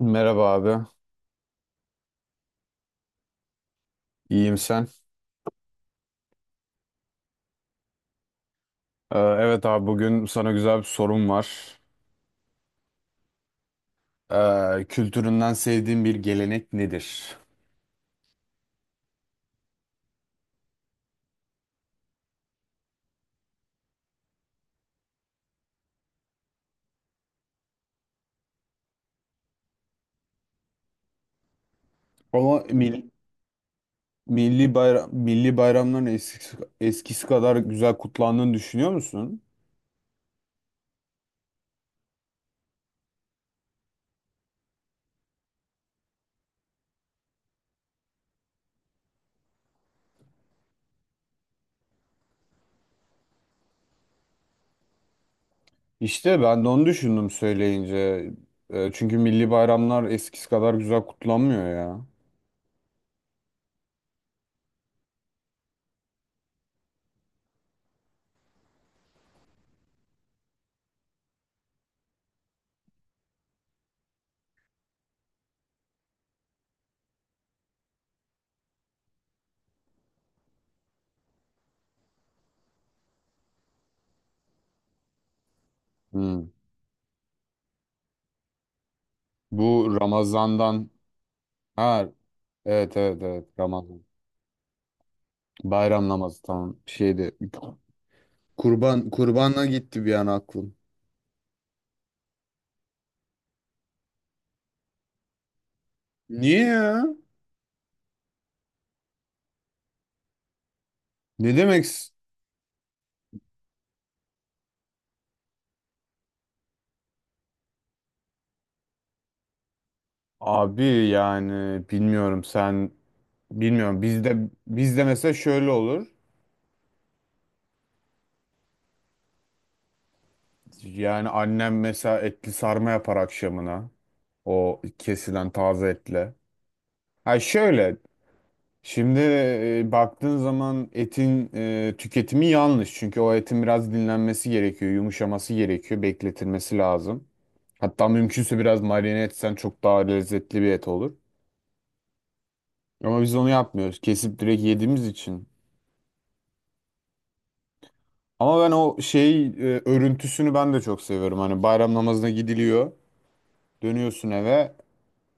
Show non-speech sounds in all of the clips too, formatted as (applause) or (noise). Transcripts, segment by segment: Merhaba abi, iyiyim, sen? Evet abi, bugün sana güzel bir sorum var. Kültüründen sevdiğin bir gelenek nedir? Ama milli bayramların eskisi kadar güzel kutlandığını düşünüyor musun? İşte ben de onu düşündüm söyleyince. Çünkü milli bayramlar eskisi kadar güzel kutlanmıyor ya. Hmm. Bu Ramazan'dan Ha, evet, evet, evet, Ramazan. Bayram namazı tamam şeydi. Kurbana gitti bir an aklım. Niye ya? Ne demek? Abi yani bilmiyorum bizde mesela şöyle olur. Yani annem mesela etli sarma yapar akşamına. O kesilen taze etle. Ha, şöyle şimdi, baktığın zaman etin tüketimi yanlış. Çünkü o etin biraz dinlenmesi gerekiyor, yumuşaması gerekiyor, bekletilmesi lazım. Hatta mümkünse biraz marine etsen çok daha lezzetli bir et olur. Ama biz onu yapmıyoruz. Kesip direkt yediğimiz için. Ama ben o şey örüntüsünü ben de çok seviyorum. Hani bayram namazına gidiliyor. Dönüyorsun eve.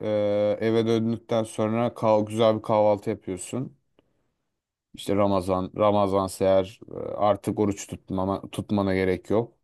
E, eve döndükten sonra güzel bir kahvaltı yapıyorsun. İşte Ramazan eğer artık oruç tutmana gerek yok.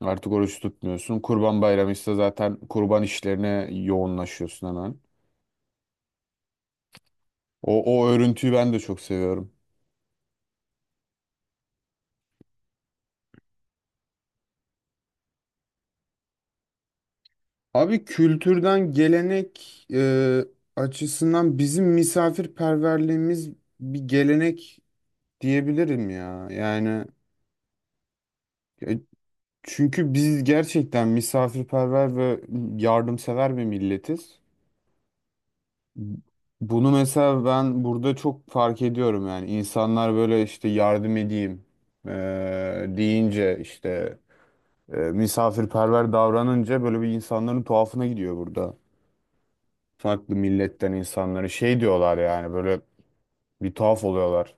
Artık oruç tutmuyorsun. Kurban Bayramı ise zaten kurban işlerine yoğunlaşıyorsun hemen. O örüntüyü ben de çok seviyorum. Abi, kültürden gelenek açısından bizim misafirperverliğimiz bir gelenek diyebilirim ya. Yani, e, çünkü biz gerçekten misafirperver ve yardımsever bir milletiz. Bunu mesela ben burada çok fark ediyorum, yani insanlar böyle işte yardım edeyim e, deyince, işte misafirperver davranınca böyle bir insanların tuhafına gidiyor burada. Farklı milletten insanları şey diyorlar, yani böyle bir tuhaf oluyorlar.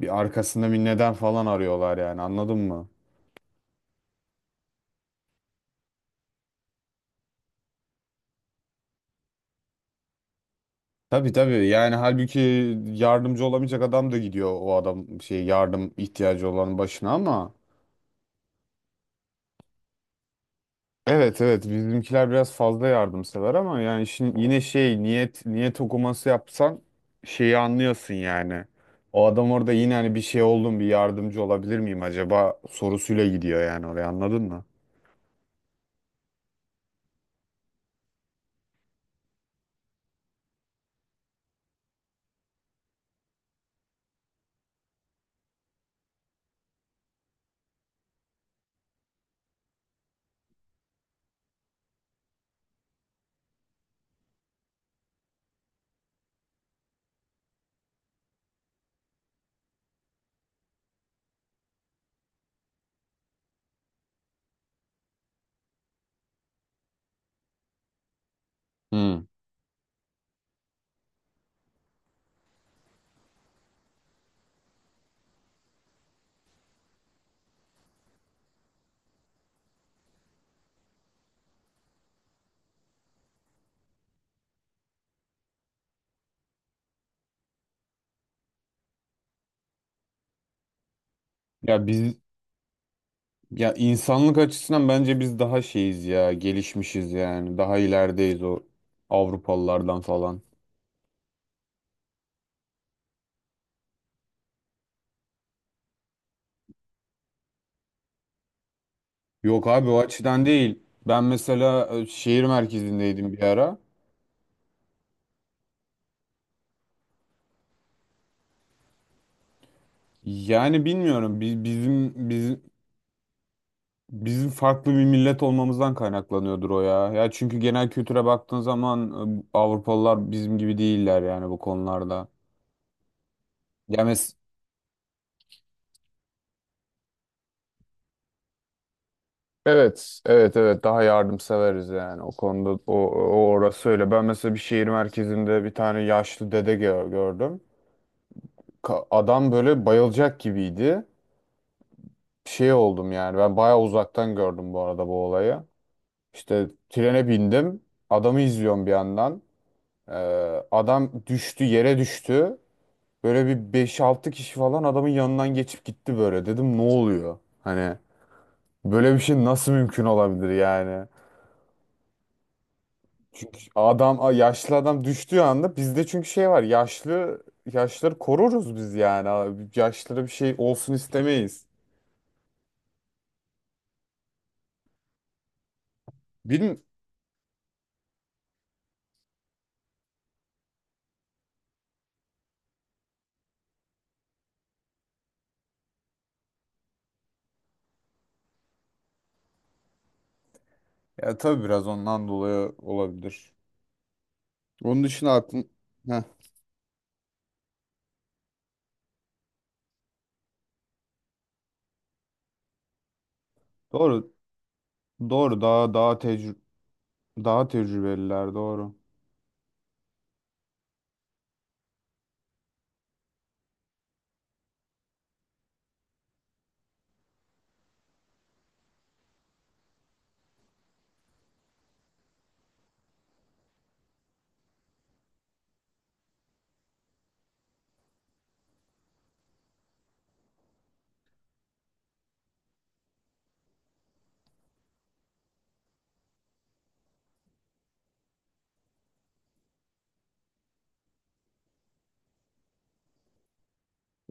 Bir arkasında bir neden falan arıyorlar, yani anladın mı? Tabii, tabii, yani halbuki yardımcı olamayacak adam da gidiyor, o adam şey yardım ihtiyacı olanın başına ama, evet, evet, bizimkiler biraz fazla yardımsever ama, yani şimdi yine şey niyet okuması yapsan şeyi anlıyorsun yani. O adam orada yine hani bir şey oldum, bir yardımcı olabilir miyim acaba sorusuyla gidiyor yani oraya, anladın mı? Hmm. Ya biz Ya insanlık açısından bence biz daha şeyiz ya, gelişmişiz yani. Daha ilerideyiz o Avrupalılardan falan. Yok abi, o açıdan değil. Ben mesela şehir merkezindeydim bir ara. Yani bilmiyorum, bizim farklı bir millet olmamızdan kaynaklanıyordur o ya. Ya çünkü genel kültüre baktığın zaman Avrupalılar bizim gibi değiller yani bu konularda. Ya mes- Evet, evet, evet. Daha yardımseveriz yani o konuda. O orası öyle. Ben mesela bir şehir merkezinde bir tane yaşlı dede gördüm. Adam böyle bayılacak gibiydi. Şey oldum yani. Ben bayağı uzaktan gördüm bu arada bu olayı. İşte trene bindim. Adamı izliyorum bir yandan. Ee, adam düştü, yere düştü. Böyle bir beş altı kişi falan adamın yanından geçip gitti böyle. Dedim, ne oluyor? Hani böyle bir şey nasıl mümkün olabilir yani? Çünkü adam, yaşlı adam düştüğü anda, bizde çünkü şey var, yaşları koruruz biz yani abi. Yaşlara bir şey olsun istemeyiz. Bilim ya tabii biraz ondan dolayı olabilir. Onun dışında aklım... Heh, doğru, doğru, daha tecrübeliler doğru.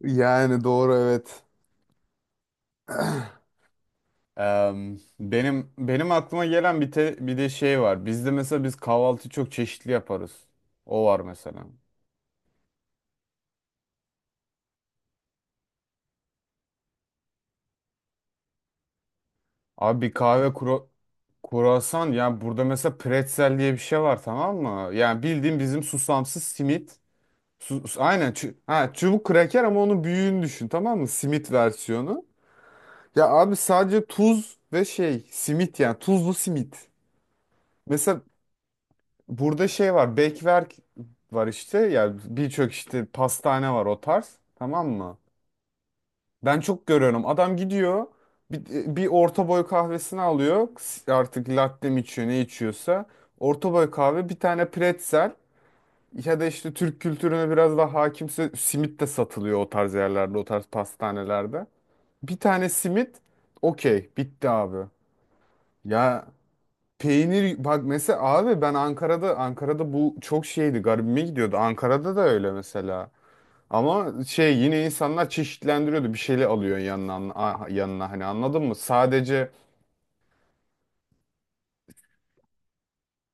Yani doğru, evet. Benim aklıma gelen bir de şey var. Bizde mesela biz kahvaltı çok çeşitli yaparız. O var mesela. Abi, bir kahve kruvasan, yani burada mesela pretzel diye bir şey var, tamam mı? Yani bildiğin bizim susamsız simit. Aynen, ha, çubuk kraker ama onun büyüğünü düşün, tamam mı? Simit versiyonu. Ya abi, sadece tuz ve şey simit, yani tuzlu simit. Mesela burada şey var, bekverk var işte, yani birçok işte pastane var o tarz, tamam mı? Ben çok görüyorum. Adam gidiyor, bir, bir orta boy kahvesini alıyor. Artık latte mi içiyor, ne içiyorsa. Orta boy kahve, bir tane pretzel, ya da işte Türk kültürüne biraz daha hakimse simit de satılıyor o tarz yerlerde, o tarz pastanelerde. Bir tane simit, okey, bitti abi. Ya peynir, bak mesela abi, ben Ankara'da bu çok şeydi, garibime gidiyordu. Ankara'da da öyle mesela. Ama şey, yine insanlar çeşitlendiriyordu. Bir şeyle alıyor yanına, yanına, hani, anladın mı? Sadece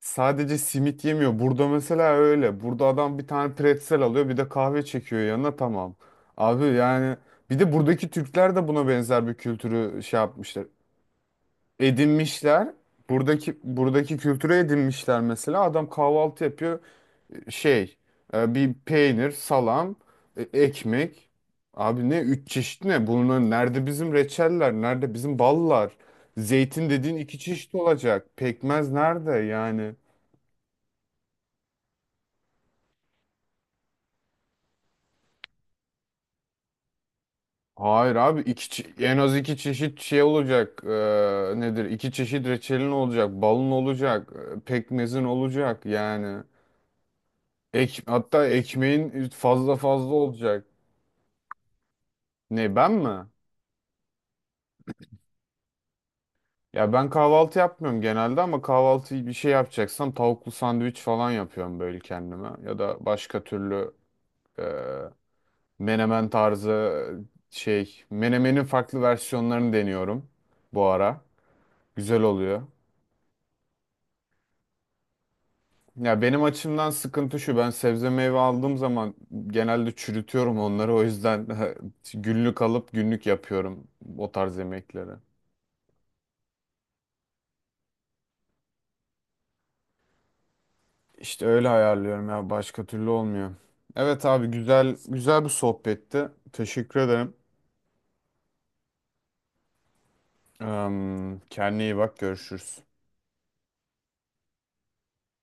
sadece simit yemiyor. Burada mesela öyle. Burada adam bir tane pretzel alıyor, bir de kahve çekiyor yanına, tamam. Abi yani, bir de buradaki Türkler de buna benzer bir kültürü şey yapmışlar. Edinmişler. Buradaki kültüre edinmişler mesela. Adam kahvaltı yapıyor. Şey, bir peynir, salam, ekmek. Abi ne üç çeşit ne? Bunun nerede bizim reçeller, nerede bizim ballar? Zeytin dediğin iki çeşit olacak. Pekmez nerede yani? Hayır abi, en az iki çeşit şey olacak. Nedir? İki çeşit reçelin olacak, balın olacak, pekmezin olacak yani. Hatta ekmeğin fazla fazla olacak. Ne, ben mi? Ya ben kahvaltı yapmıyorum genelde, ama kahvaltıyı bir şey yapacaksam tavuklu sandviç falan yapıyorum böyle kendime. Ya da başka türlü e, menemen tarzı, şey menemenin farklı versiyonlarını deniyorum bu ara. Güzel oluyor. Ya benim açımdan sıkıntı şu, ben sebze meyve aldığım zaman genelde çürütüyorum onları, o yüzden (laughs) günlük alıp günlük yapıyorum o tarz yemekleri. İşte öyle ayarlıyorum, ya başka türlü olmuyor. Evet abi, güzel güzel bir sohbetti. Teşekkür ederim. Kendine iyi bak, görüşürüz.